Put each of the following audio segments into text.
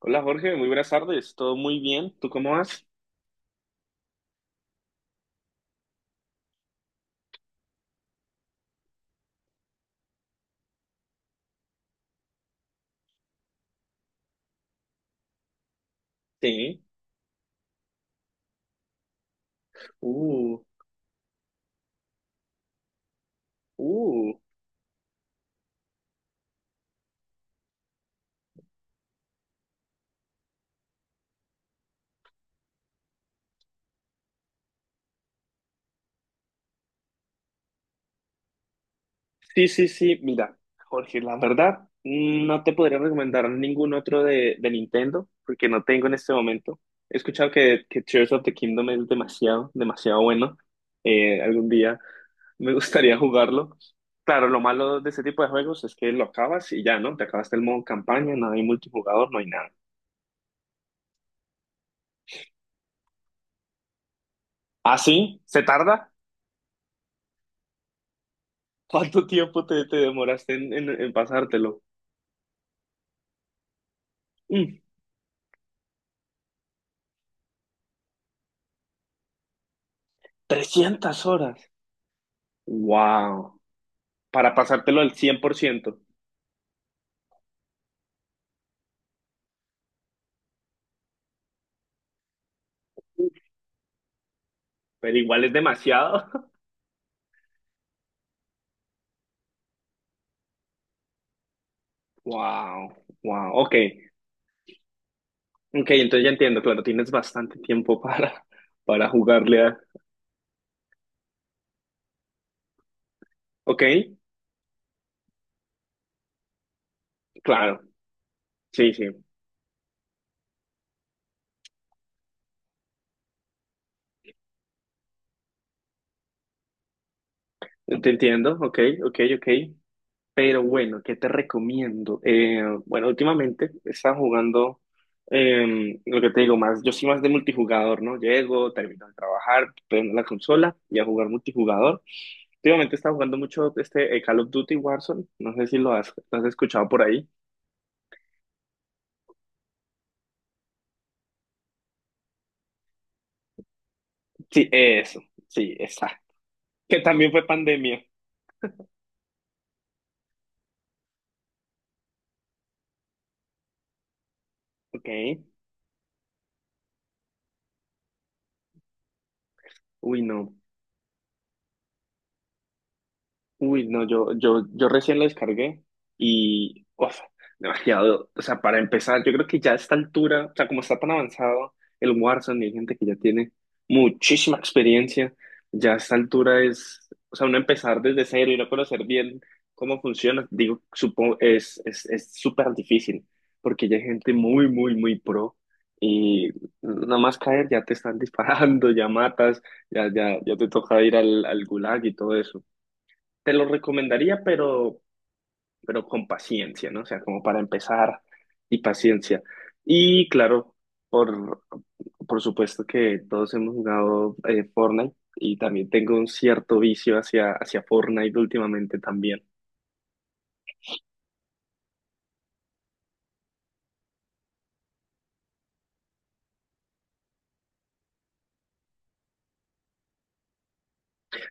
Hola Jorge, muy buenas tardes, todo muy bien, ¿tú cómo vas? Sí, uh, uh. Sí, sí, sí, mira, Jorge, la verdad, no te podría recomendar ningún otro de Nintendo, porque no tengo en este momento. He escuchado que Tears of the Kingdom es demasiado, demasiado bueno. Algún día me gustaría jugarlo. Claro, lo malo de este tipo de juegos es que lo acabas y ya, ¿no? Te acabaste el modo campaña, no hay multijugador, no hay nada. ¿Ah, sí? ¿Se tarda? ¿Cuánto tiempo te demoraste en pasártelo? Mm, 300 horas. Wow. Para pasártelo al 100%. Pero igual es demasiado. Wow. Wow. Ok. Ok, entonces ya entiendo. Claro, tienes bastante tiempo para jugarle a. Ok. Claro. Sí, sí. Te entiendo. Ok, ok, ok. Pero bueno, ¿qué te recomiendo? Bueno, últimamente estaba jugando, lo que te digo, más, yo soy más de multijugador, ¿no? Llego, termino de trabajar, prendo la consola y a jugar multijugador. Últimamente estaba jugando mucho este Call of Duty Warzone, no sé si lo has escuchado por ahí. Sí, eso, sí, esa. Que también fue pandemia. Ok, uy, no. Uy, no, yo recién lo descargué y, uf, demasiado. O sea, para empezar, yo creo que ya a esta altura, o sea, como está tan avanzado el Warzone y hay gente que ya tiene muchísima experiencia, ya a esta altura es, o sea, uno empezar desde cero y no conocer bien cómo funciona, digo, supongo, es súper difícil, porque ya hay gente muy, muy, muy pro y nada más caer ya te están disparando, ya matas, ya, ya, ya te toca ir al gulag y todo eso. Te lo recomendaría, pero con paciencia, ¿no? O sea, como para empezar y paciencia. Y claro, por, por supuesto que todos hemos jugado Fortnite y también tengo un cierto vicio hacia Fortnite últimamente también.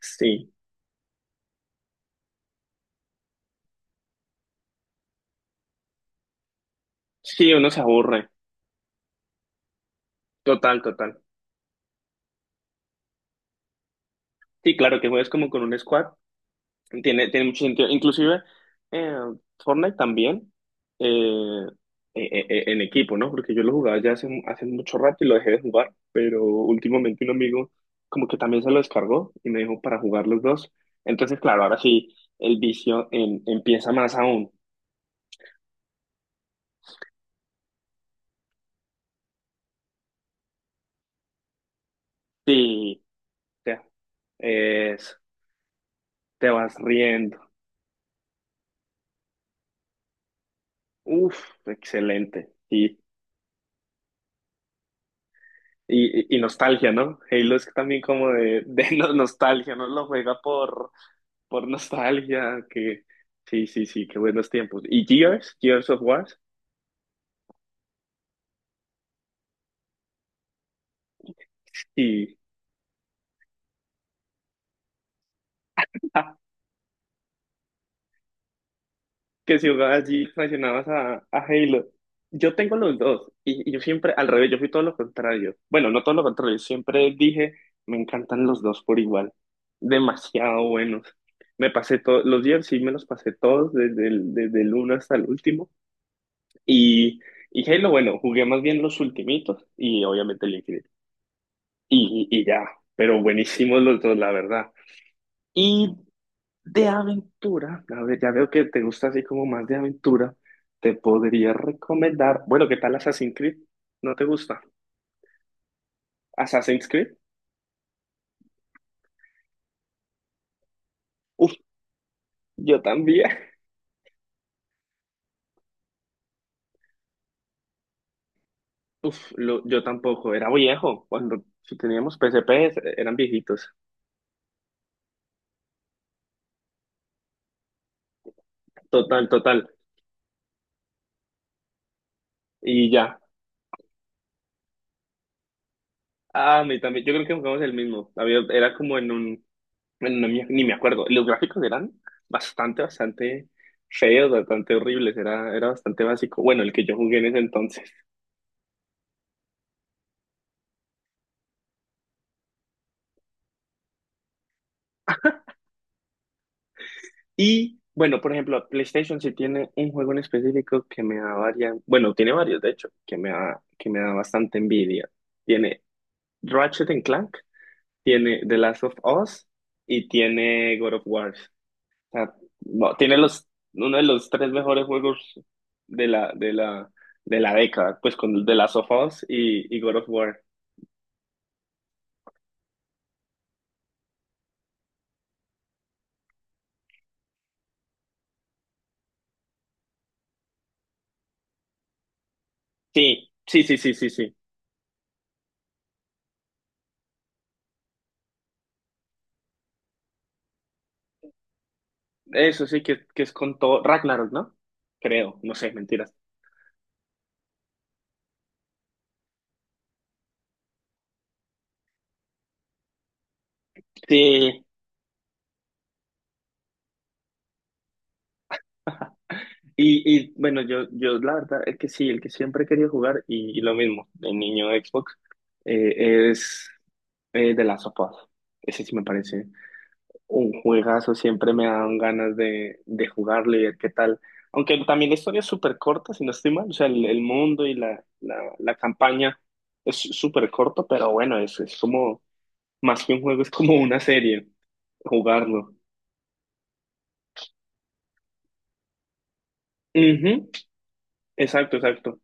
Sí, sí, uno se aburre. Total, total. Sí, claro que juegas como con un squad. Tiene mucho sentido. Inclusive, eh, Fortnite también, eh, en equipo, ¿no? Porque yo lo jugaba ya hace mucho rato y lo dejé de jugar, pero últimamente un amigo como que también se lo descargó y me dijo para jugar los dos. Entonces, claro, ahora sí, el vicio empieza más aún. Sí, te, es- te vas riendo. Uf, excelente. Sí, y nostalgia, ¿no? Halo es también como de, de nostalgia, ¿no? Lo juega por nostalgia, que sí, sí, sí, qué buenos tiempos. Y Gears of War, y ja, que si jugabas Gears mencionabas a Halo. Yo tengo los dos, y yo siempre, al revés, yo fui todo lo contrario. Bueno, no todo lo contrario, siempre dije, me encantan los dos por igual, demasiado buenos. Me pasé todos, los Gears sí me los pasé todos, desde el uno hasta el último, y. Y Halo, bueno, jugué más bien los ultimitos y obviamente el Infinite. Y ya, pero buenísimos los dos, la verdad. Y de aventura, a ver, ya veo que te gusta así como más de aventura, te podría recomendar, bueno, ¿qué tal Assassin's Creed? ¿No te gusta? ¿Assassin's Creed? Uf, yo también. Uf, yo tampoco, era viejo, cuando si teníamos PSP eran viejitos, total, total, y ya. Ah, a mí también, yo creo que jugamos el mismo. Era como en un. Bueno, ni me acuerdo. Los gráficos eran bastante, bastante feos, bastante horribles. Era bastante básico. Bueno, el que yo jugué en ese entonces. Y bueno, por ejemplo, PlayStation sí tiene un juego en específico que me da varias, bueno, tiene varios de hecho, que me da bastante envidia. Tiene Ratchet and Clank, tiene The Last of Us y tiene God of War. O sea, no, tiene los, uno de los tres mejores juegos de la, de la, de la década, pues con el de Last of Us y God of War. Sí, sí, sí, sí, sí, sí. Eso sí que es con todo. Ragnarok, ¿no? Creo, no sé, mentiras. Sí, y bueno, yo la verdad es que sí, el que siempre he querido jugar, y lo mismo, el niño Xbox, es de Last of Us. Ese sí me parece. Un juegazo, siempre me dan ganas de jugarlo y ver qué tal. Aunque también la historia es súper corta, si no estoy mal. O sea, el mundo y la campaña es súper corto, pero bueno, es como, más que un juego, es como una serie, jugarlo. Ujú. Exacto, exacto.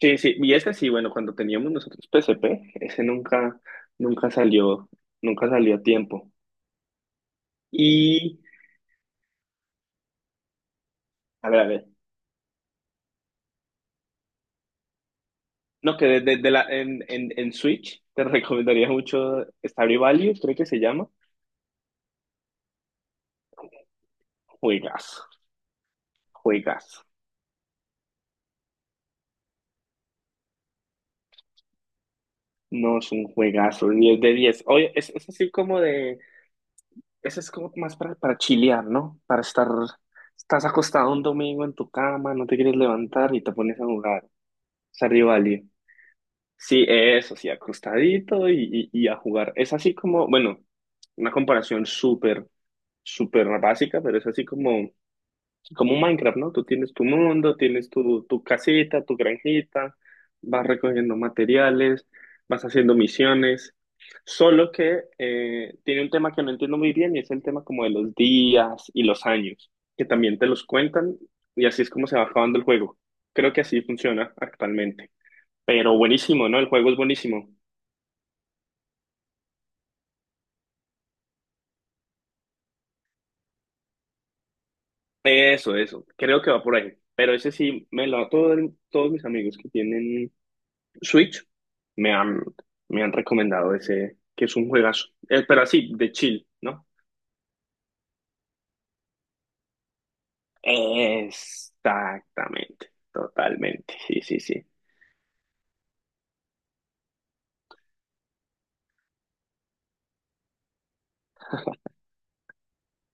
Sí, sí. Y ese sí, bueno, cuando teníamos nosotros PSP, ese nunca, nunca salió, nunca salió a tiempo. Y, a ver, a ver. No, que de la, en Switch te recomendaría mucho Stardew Valley, creo que se llama. Juegazo, juegazo. No, es un juegazo, 10 de 10. Oye, es así como de, eso es como más para chilear, ¿no? Para estar, estás acostado un domingo en tu cama, no te quieres levantar y te pones a jugar. Stardew Valley. Sí, eso, sí, acostadito y a jugar. Es así como, bueno, una comparación súper, súper básica, pero es así como un Minecraft, ¿no? Tú tienes tu mundo, tienes tu casita, tu granjita, vas recogiendo materiales, vas haciendo misiones. Solo que tiene un tema que no entiendo muy bien y es el tema como de los días y los años, que también te los cuentan y así es como se va acabando el juego. Creo que así funciona actualmente. Pero buenísimo, ¿no? El juego es buenísimo. Eso, eso. Creo que va por ahí. Pero ese sí me lo a todos mis amigos que tienen Switch, me han, me han recomendado ese, que es un juegazo. Pero así, de chill, ¿no? Exactamente, totalmente. Sí, sí, sí.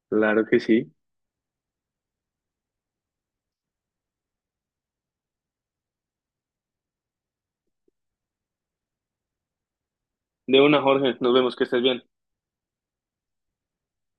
Claro que sí. De una, Jorge, nos vemos, que estés bien.